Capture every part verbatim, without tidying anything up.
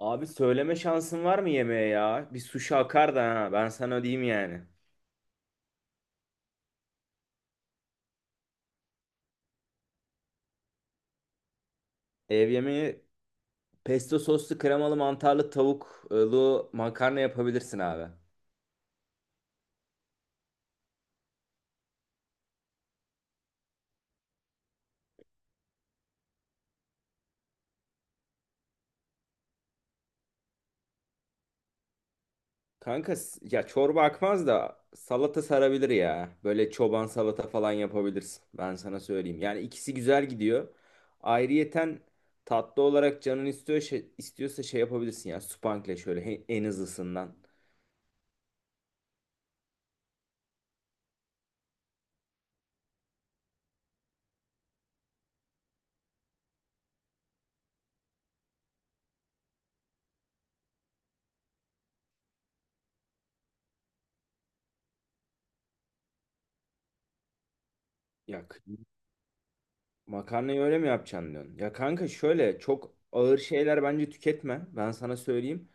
Abi söyleme şansın var mı yemeğe ya? Bir suşi akar da ha. Ben sana diyeyim yani. Ev yemeği pesto soslu kremalı mantarlı tavuklu makarna yapabilirsin abi. Kanka s- ya çorba akmaz da salata sarabilir ya. Böyle çoban salata falan yapabilirsin. Ben sana söyleyeyim. Yani ikisi güzel gidiyor. Ayrıyeten tatlı olarak canın istiyor, şey- istiyorsa şey yapabilirsin ya. Supangle şöyle he- en hızlısından. Yak. Makarnayı öyle mi yapacaksın diyorsun? Ya kanka şöyle çok ağır şeyler bence tüketme. Ben sana söyleyeyim.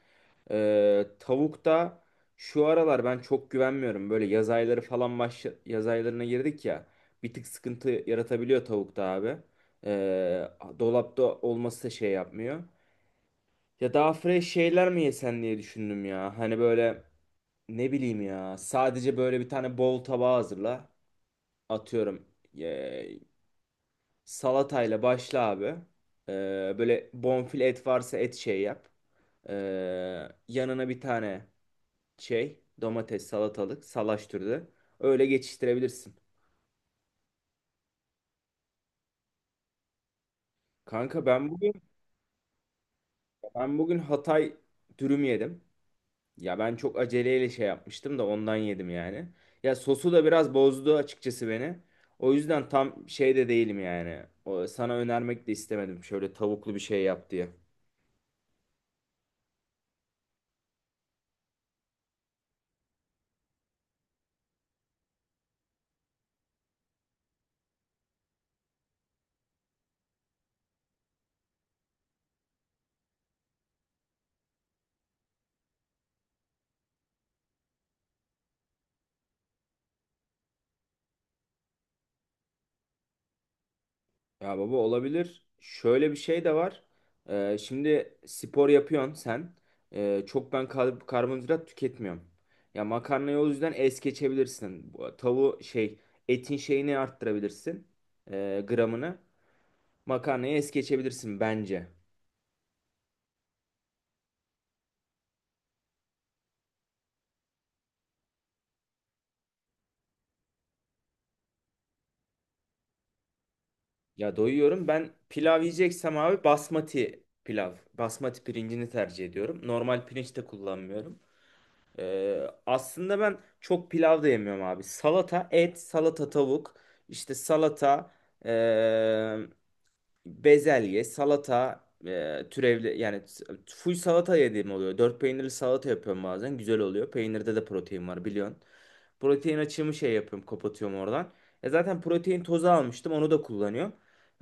Ee, tavukta şu aralar ben çok güvenmiyorum. Böyle yaz ayları falan baş yaz aylarına girdik ya. Bir tık sıkıntı yaratabiliyor tavukta abi. Ee, Dolapta olması da şey yapmıyor. Ya daha fresh şeyler mi yesen diye düşündüm ya. Hani böyle ne bileyim ya. Sadece böyle bir tane bol tabağı hazırla. Atıyorum. Salatayla başla abi. Ee, böyle bonfile et varsa et şey yap. Ee, Yanına bir tane şey domates salatalık salaş türü. Öyle geçiştirebilirsin. Kanka ben bugün ben bugün Hatay dürüm yedim. Ya ben çok aceleyle şey yapmıştım da ondan yedim yani. Ya sosu da biraz bozdu açıkçası beni. O yüzden tam şey de değilim yani. O, sana önermek de istemedim. Şöyle tavuklu bir şey yap diye. Ya baba olabilir. Şöyle bir şey de var. Ee, şimdi spor yapıyorsun sen. Ee, çok ben kar- karbonhidrat tüketmiyorum. Ya makarnayı o yüzden es geçebilirsin. Bu tavuğu şey etin şeyini arttırabilirsin. Ee, gramını. Makarnayı es geçebilirsin bence. Ya doyuyorum. Ben pilav yiyeceksem abi basmati pilav. Basmati pirincini tercih ediyorum. Normal pirinç de kullanmıyorum. Ee, aslında ben çok pilav da yemiyorum abi. Salata, et, salata, tavuk, işte salata, ee, bezelye, salata e, türevli yani s- full salata yediğim oluyor. Dört peynirli salata yapıyorum bazen. Güzel oluyor. Peynirde de protein var biliyorsun. Protein açığımı şey yapıyorum, kapatıyorum oradan. E zaten protein tozu almıştım, onu da kullanıyorum.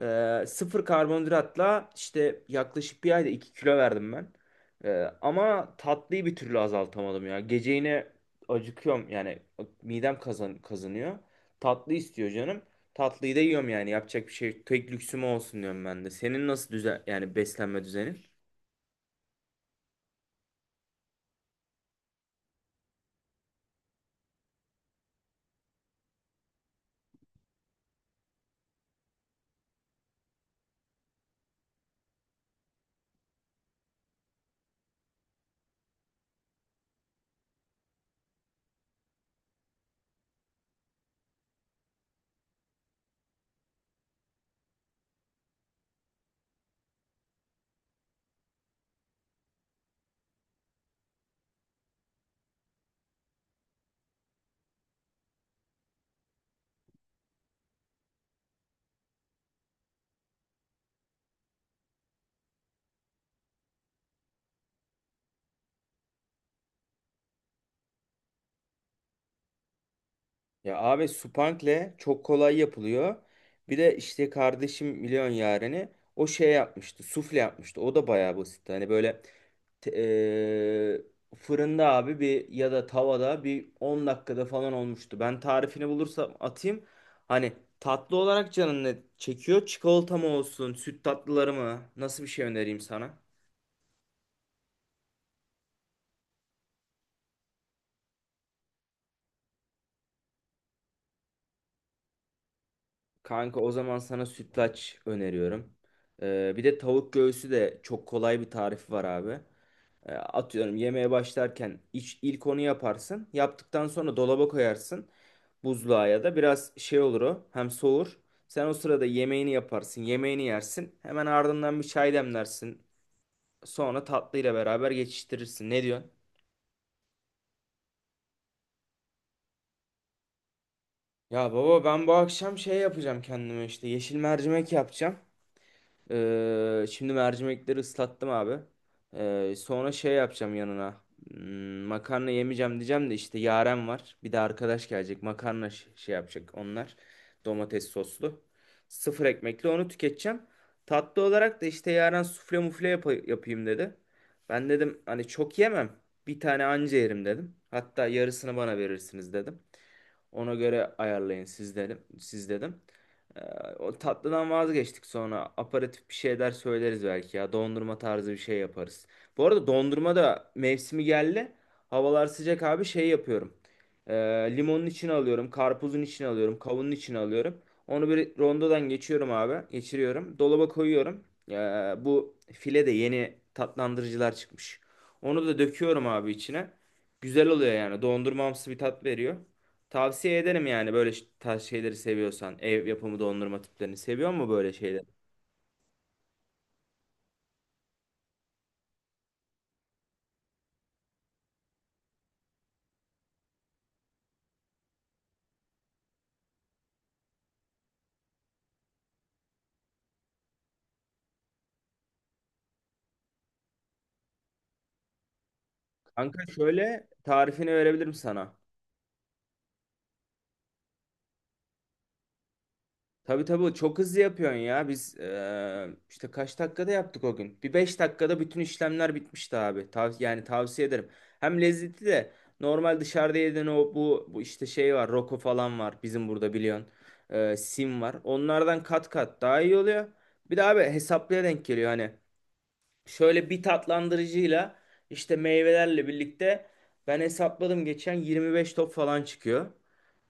E, sıfır karbonhidratla işte yaklaşık bir ayda iki kilo verdim ben. E, ama tatlıyı bir türlü azaltamadım ya. Gece yine acıkıyorum yani midem kazan kazanıyor. Tatlı istiyor canım. Tatlıyı da yiyorum yani yapacak bir şey yok. Tek lüksüm o olsun diyorum ben de. Senin nasıl düzen yani beslenme düzenin? Ya abi supankle çok kolay yapılıyor. Bir de işte kardeşim milyon yareni o şey yapmıştı, sufle yapmıştı, o da bayağı basit. Hani böyle te- eee, fırında abi bir ya da tavada bir on dakikada falan olmuştu. Ben tarifini bulursam atayım. Hani tatlı olarak canın ne çekiyor? Çikolata mı olsun, süt tatlıları mı? Nasıl bir şey önereyim sana? Kanka o zaman sana sütlaç öneriyorum. Ee, bir de tavuk göğsü de çok kolay bir tarifi var abi. Ee, atıyorum, yemeğe başlarken iç, ilk onu yaparsın. Yaptıktan sonra dolaba koyarsın. Buzluğa ya da, biraz şey olur o, hem soğur. Sen o sırada yemeğini yaparsın, yemeğini yersin. Hemen ardından bir çay demlersin. Sonra tatlıyla beraber geçiştirirsin. Ne diyorsun? Ya baba, ben bu akşam şey yapacağım kendime, işte yeşil mercimek yapacağım. Ee, şimdi mercimekleri ıslattım abi. Ee, sonra şey yapacağım yanına. Hmm, Makarna yemeyeceğim diyeceğim de işte Yaren var. Bir de arkadaş gelecek. Makarna ş- şey yapacak onlar. Domates soslu. Sıfır ekmekli onu tüketeceğim. Tatlı olarak da işte Yaren sufle mufle yap- yapayım dedi. Ben dedim hani çok yemem. Bir tane anca yerim dedim. Hatta yarısını bana verirsiniz dedim. Ona göre ayarlayın siz dedim. Siz dedim. Ee, O tatlıdan vazgeçtik sonra. Aperatif bir şeyler söyleriz belki ya. Dondurma tarzı bir şey yaparız. Bu arada dondurma da mevsimi geldi. Havalar sıcak abi, şey yapıyorum. Ee, Limonun içine alıyorum. Karpuzun içine alıyorum. Kavunun içine alıyorum. Onu bir rondodan geçiyorum abi. Geçiriyorum. Dolaba koyuyorum. Ee, Bu file de yeni tatlandırıcılar çıkmış. Onu da döküyorum abi içine. Güzel oluyor yani. Dondurmamsı bir tat veriyor. Tavsiye ederim yani, böyle ş- tarz şeyleri seviyorsan. Ev yapımı dondurma tiplerini seviyor mu, böyle şeyleri? Kanka şöyle tarifini verebilirim sana. Tabii tabii, çok hızlı yapıyorsun ya. Biz eee, işte kaç dakikada yaptık o gün? Bir beş dakikada bütün işlemler bitmişti abi. Tav yani tavsiye ederim. Hem lezzetli de, normal dışarıda yediğin o bu, bu işte şey var. Roko falan var bizim burada biliyorsun. Eee, sim var. Onlardan kat kat daha iyi oluyor. Bir de abi hesaplıya denk geliyor hani. Şöyle bir tatlandırıcıyla, işte meyvelerle birlikte, ben hesapladım geçen yirmi beş top falan çıkıyor.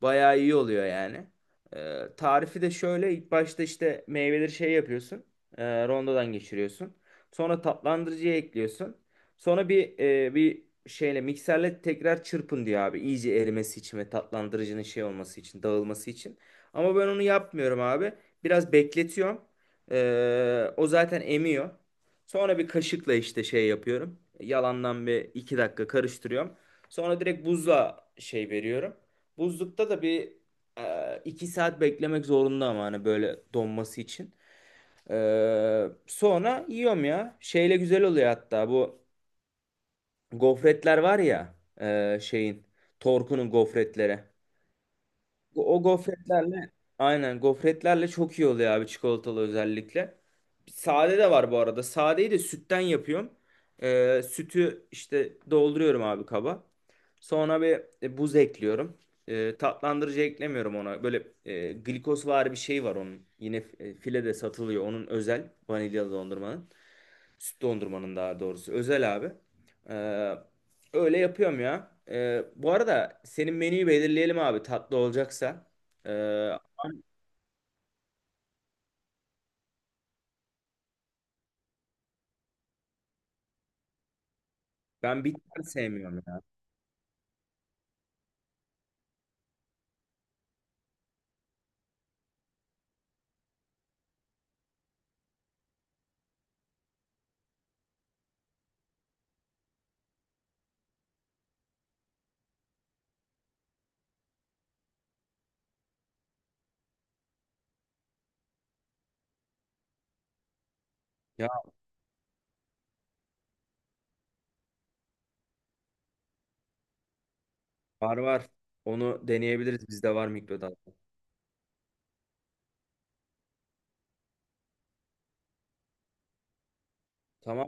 Bayağı iyi oluyor yani. Ee, tarifi de şöyle: ilk başta işte meyveleri şey yapıyorsun. E, rondodan geçiriyorsun. Sonra tatlandırıcıya ekliyorsun. Sonra bir e, bir şeyle mikserle tekrar çırpın diyor abi. İyice erimesi için ve tatlandırıcının şey olması için, dağılması için. Ama ben onu yapmıyorum abi. Biraz bekletiyorum. Ee, o zaten emiyor. Sonra bir kaşıkla işte şey yapıyorum. Yalandan bir iki dakika karıştırıyorum. Sonra direkt buzla şey veriyorum. Buzlukta da bir e, iki saat beklemek zorunda, ama hani böyle donması için. E, sonra yiyorum ya. Şeyle güzel oluyor hatta, bu gofretler var ya, e, şeyin, Torku'nun gofretleri. O gofretlerle, aynen gofretlerle çok iyi oluyor abi, çikolatalı özellikle. Sade de var bu arada. Sadeyi de sütten yapıyorum. Ee, sütü işte dolduruyorum abi kaba. Sonra bir e, buz ekliyorum. Ee, tatlandırıcı eklemiyorum ona. Böyle e, glikozvari bir şey var onun. Yine e, filede satılıyor. Onun özel vanilyalı dondurmanın. Süt dondurmanın daha doğrusu. Özel abi. Ee, Öyle yapıyorum ya. Ee, bu arada senin menüyü belirleyelim abi, tatlı olacaksa. Ee, Ben bitter sevmiyorum ya. Ya var var. Onu deneyebiliriz. Bizde var mikrodalga. Tamam.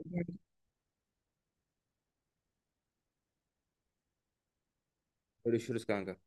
Görüşürüz kanka.